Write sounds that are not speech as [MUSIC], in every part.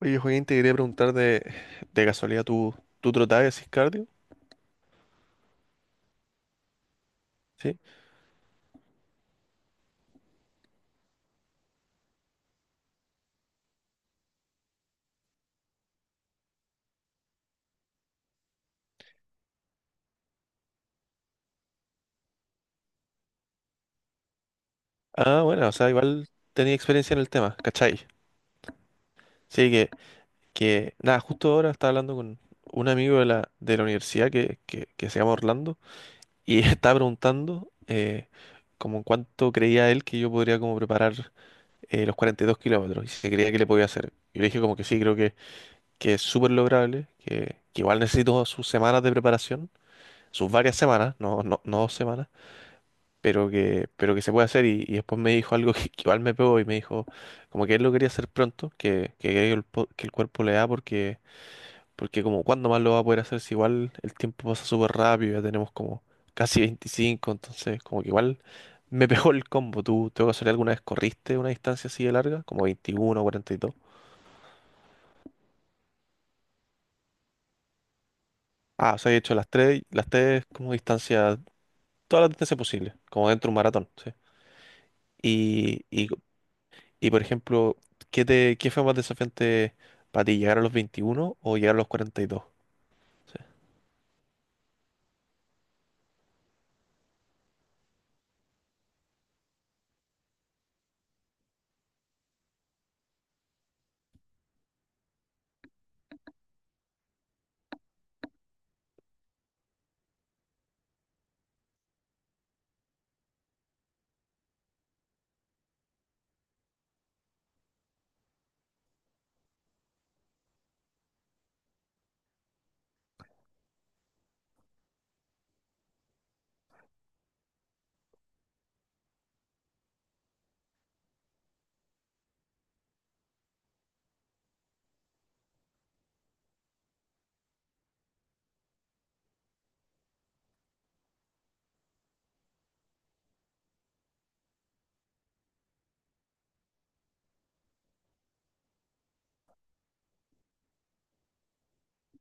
Oye, Joaquín, te quería preguntar de casualidad, ¿Tú trotabas y hacías cardio? ¿Sí? Ah, bueno, o sea, igual tenía experiencia en el tema, ¿cachai? Sí, que nada, justo ahora estaba hablando con un amigo de la universidad que se llama Orlando y [LAUGHS] estaba preguntando como en cuánto creía él que yo podría como preparar los 42 kilómetros y si creía que le podía hacer. Yo le dije como que sí, creo que es súper lograble, que igual necesito sus semanas de preparación, sus varias semanas, no dos semanas, pero pero que se puede hacer. Y después me dijo algo [LAUGHS] que igual me pegó y me dijo como que él lo quería hacer pronto, que el cuerpo le da porque, porque como cuándo más lo va a poder hacer si igual el tiempo pasa súper rápido, ya tenemos como casi 25, entonces como que igual me pegó el combo. ¿Tú, tengo que hacer alguna vez corriste una distancia así de larga, como 21 o 42? Ah, o sea, he hecho las tres como distancias, todas las distancias posibles, como dentro de un maratón, ¿sí? Y, y Y por ejemplo, ¿qué fue más desafiante para ti, llegar a los 21 o llegar a los 42? Sí.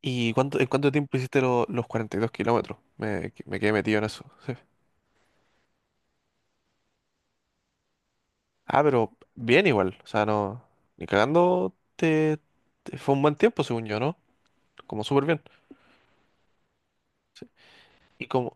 ¿En cuánto tiempo hiciste los 42 kilómetros? Me quedé metido en eso. Sí. Ah, pero bien igual. O sea, no. Ni cagando fue un buen tiempo, según yo, ¿no? Como súper bien. Y como.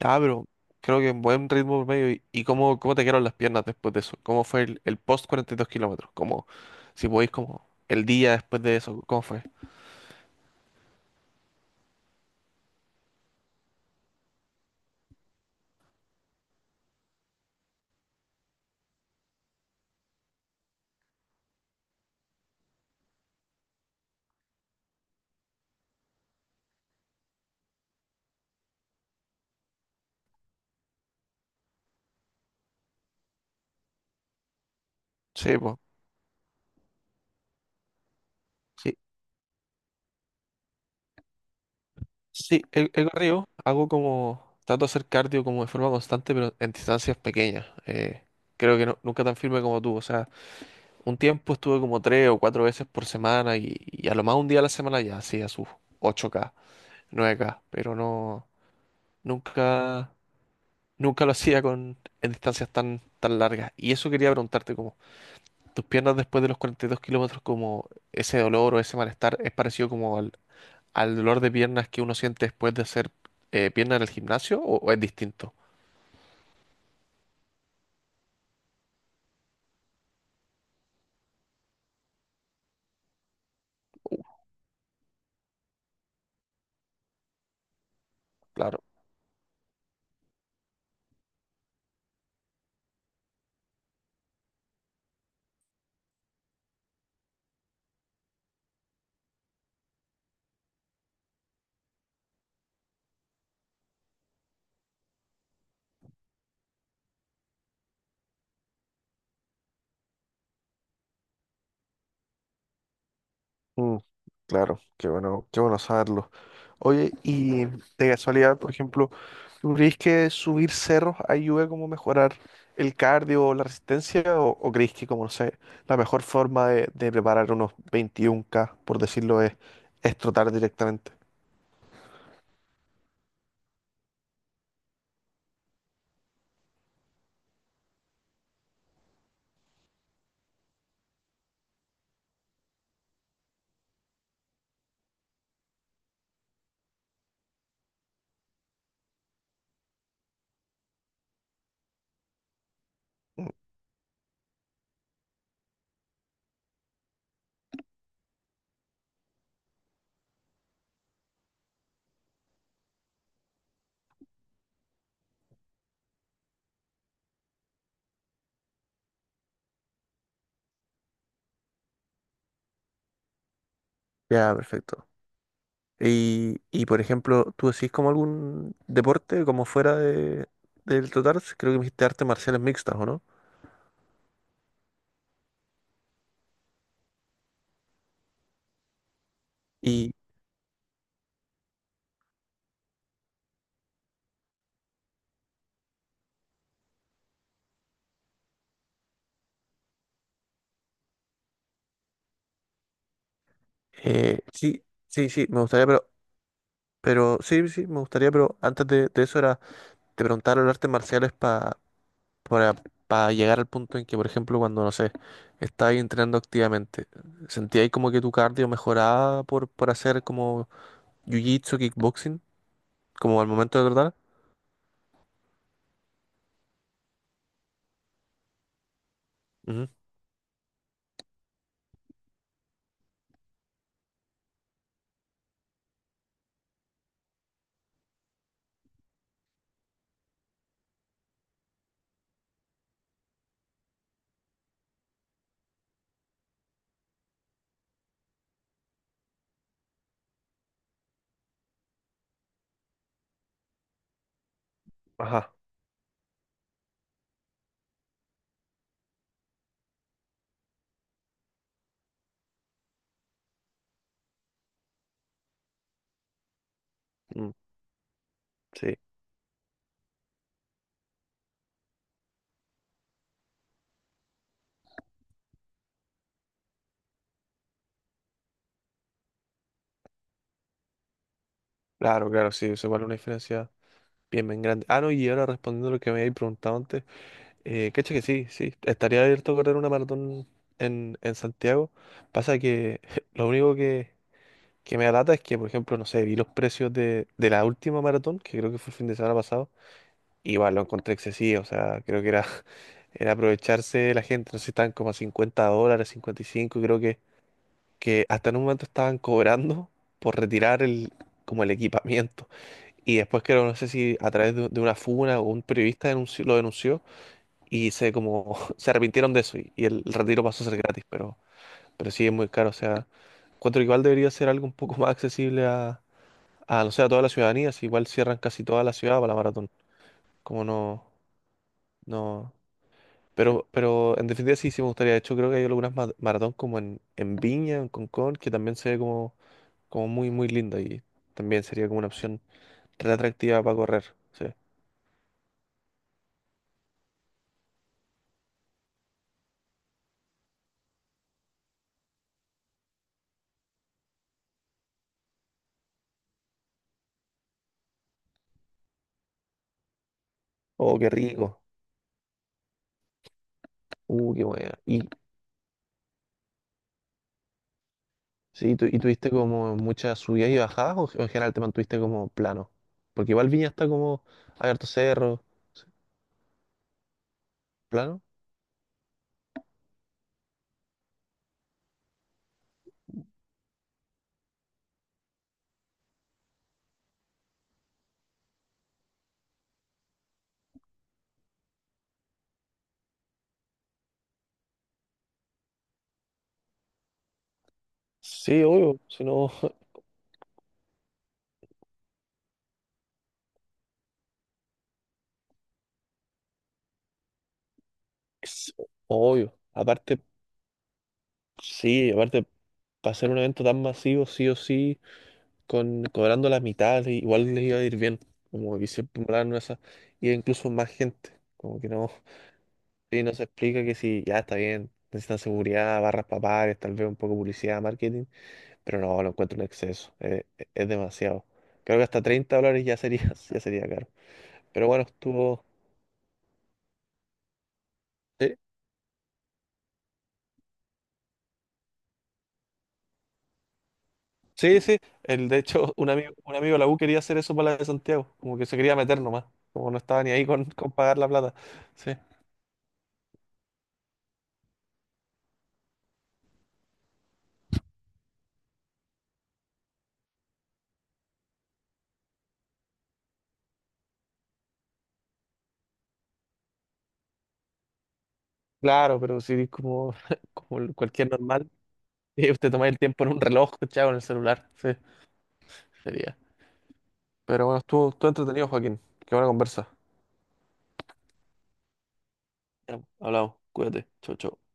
Ah, pero creo que en buen ritmo medio. ¿Y cómo, ¿cómo te quedaron las piernas después de eso? ¿Cómo fue el post 42 kilómetros? Como, si podéis, como el día después de eso, ¿cómo fue? Sí, pues. Sí, el corrido hago como, trato de hacer cardio como de forma constante, pero en distancias pequeñas. Creo que nunca tan firme como tú. O sea, un tiempo estuve como tres o cuatro veces por semana, y a lo más un día a la semana ya hacía sus 8K, 9K, pero no, nunca, nunca lo hacía con, en distancias tan largas. Y eso quería preguntarte, como, tus piernas después de los 42 kilómetros, ¿como ese dolor o ese malestar es parecido como al dolor de piernas que uno siente después de hacer pierna en el gimnasio o es distinto? Claro. Mm, claro, qué bueno saberlo. Oye, y de casualidad, por ejemplo, ¿tú crees que subir cerros ayuda como a mejorar el cardio o la resistencia? O crees que, como no sé, la mejor forma de preparar unos 21K, por decirlo, es trotar directamente? Ya, perfecto. Por ejemplo, ¿tú decís como algún deporte como fuera del total? Creo que me dijiste artes marciales mixtas, ¿o no? Y sí, sí, sí, me gustaría, pero sí, sí, me gustaría, pero antes de eso era te preguntar los artes marciales pa, para para llegar al punto en que, por ejemplo, cuando, no sé, estabas entrenando activamente, ¿sentías como que tu cardio mejoraba por hacer como jiu-jitsu, kickboxing, como al momento de tratar? Ujú. Ajá. Mm, sí. Claro, claro, sí, eso vale una diferencia bien, bien grande. Ah, no, y ahora respondiendo a lo que me habéis preguntado antes, cacha que sí, sí, estaría abierto a correr una maratón en Santiago. Pasa que [LAUGHS] lo único que me alata es que, por ejemplo, no sé, vi los precios de la última maratón, que creo que fue el fin de semana pasado, y igual lo encontré excesivo, o sea, creo que era, [LAUGHS] era aprovecharse de la gente, no sé, estaban como a $50, 55 creo que hasta en un momento estaban cobrando por retirar como el equipamiento. Y después creo, no sé si a través de una funa o un periodista lo denunció y se como [LAUGHS] se arrepintieron de eso y el retiro pasó a ser gratis, pero sí es muy caro. O sea, encuentro que igual debería ser algo un poco más accesible no sé, a toda la ciudadanía, si igual cierran casi toda la ciudad para la maratón. Como no, no. Pero en definitiva sí, sí me gustaría. De hecho, creo que hay algunas maratón como en Viña, en Concón, que también se ve como, como muy, muy linda y también sería como una opción re atractiva para correr. Sí. Oh, qué rico. Qué buena. ¿Y, sí, y tuviste como muchas subidas y bajadas o en general te mantuviste como plano? Porque igual Viña está como abierto cerro, plano. Sí, obvio, si no, [LAUGHS] es obvio. Aparte, sí, aparte, para hacer un evento tan masivo, sí o sí, con, cobrando la mitad, igual les iba a ir bien. Como que siempre molaron esas, y incluso más gente. Como que no, sí, no se explica que si ya está bien, necesitan seguridad, barras para pares, tal vez un poco de publicidad, marketing. Pero no, lo encuentro un exceso. Es demasiado. Creo que hasta $30 ya sería, [LAUGHS] ya sería caro. Pero bueno, estuvo. Sí, sí. Sí, el, de hecho, un amigo de la U quería hacer eso para la de Santiago. Como que se quería meter nomás. Como no estaba ni ahí con pagar la plata. Sí. Claro, pero sí, como, [LAUGHS] como cualquier normal. [LAUGHS] Usted toma el tiempo en un reloj, chavo, en el celular. Sí, sería. Pero bueno, estuvo, estuvo entretenido, Joaquín. Qué buena conversa. Ya, hablamos. Cuídate. Chau, chau.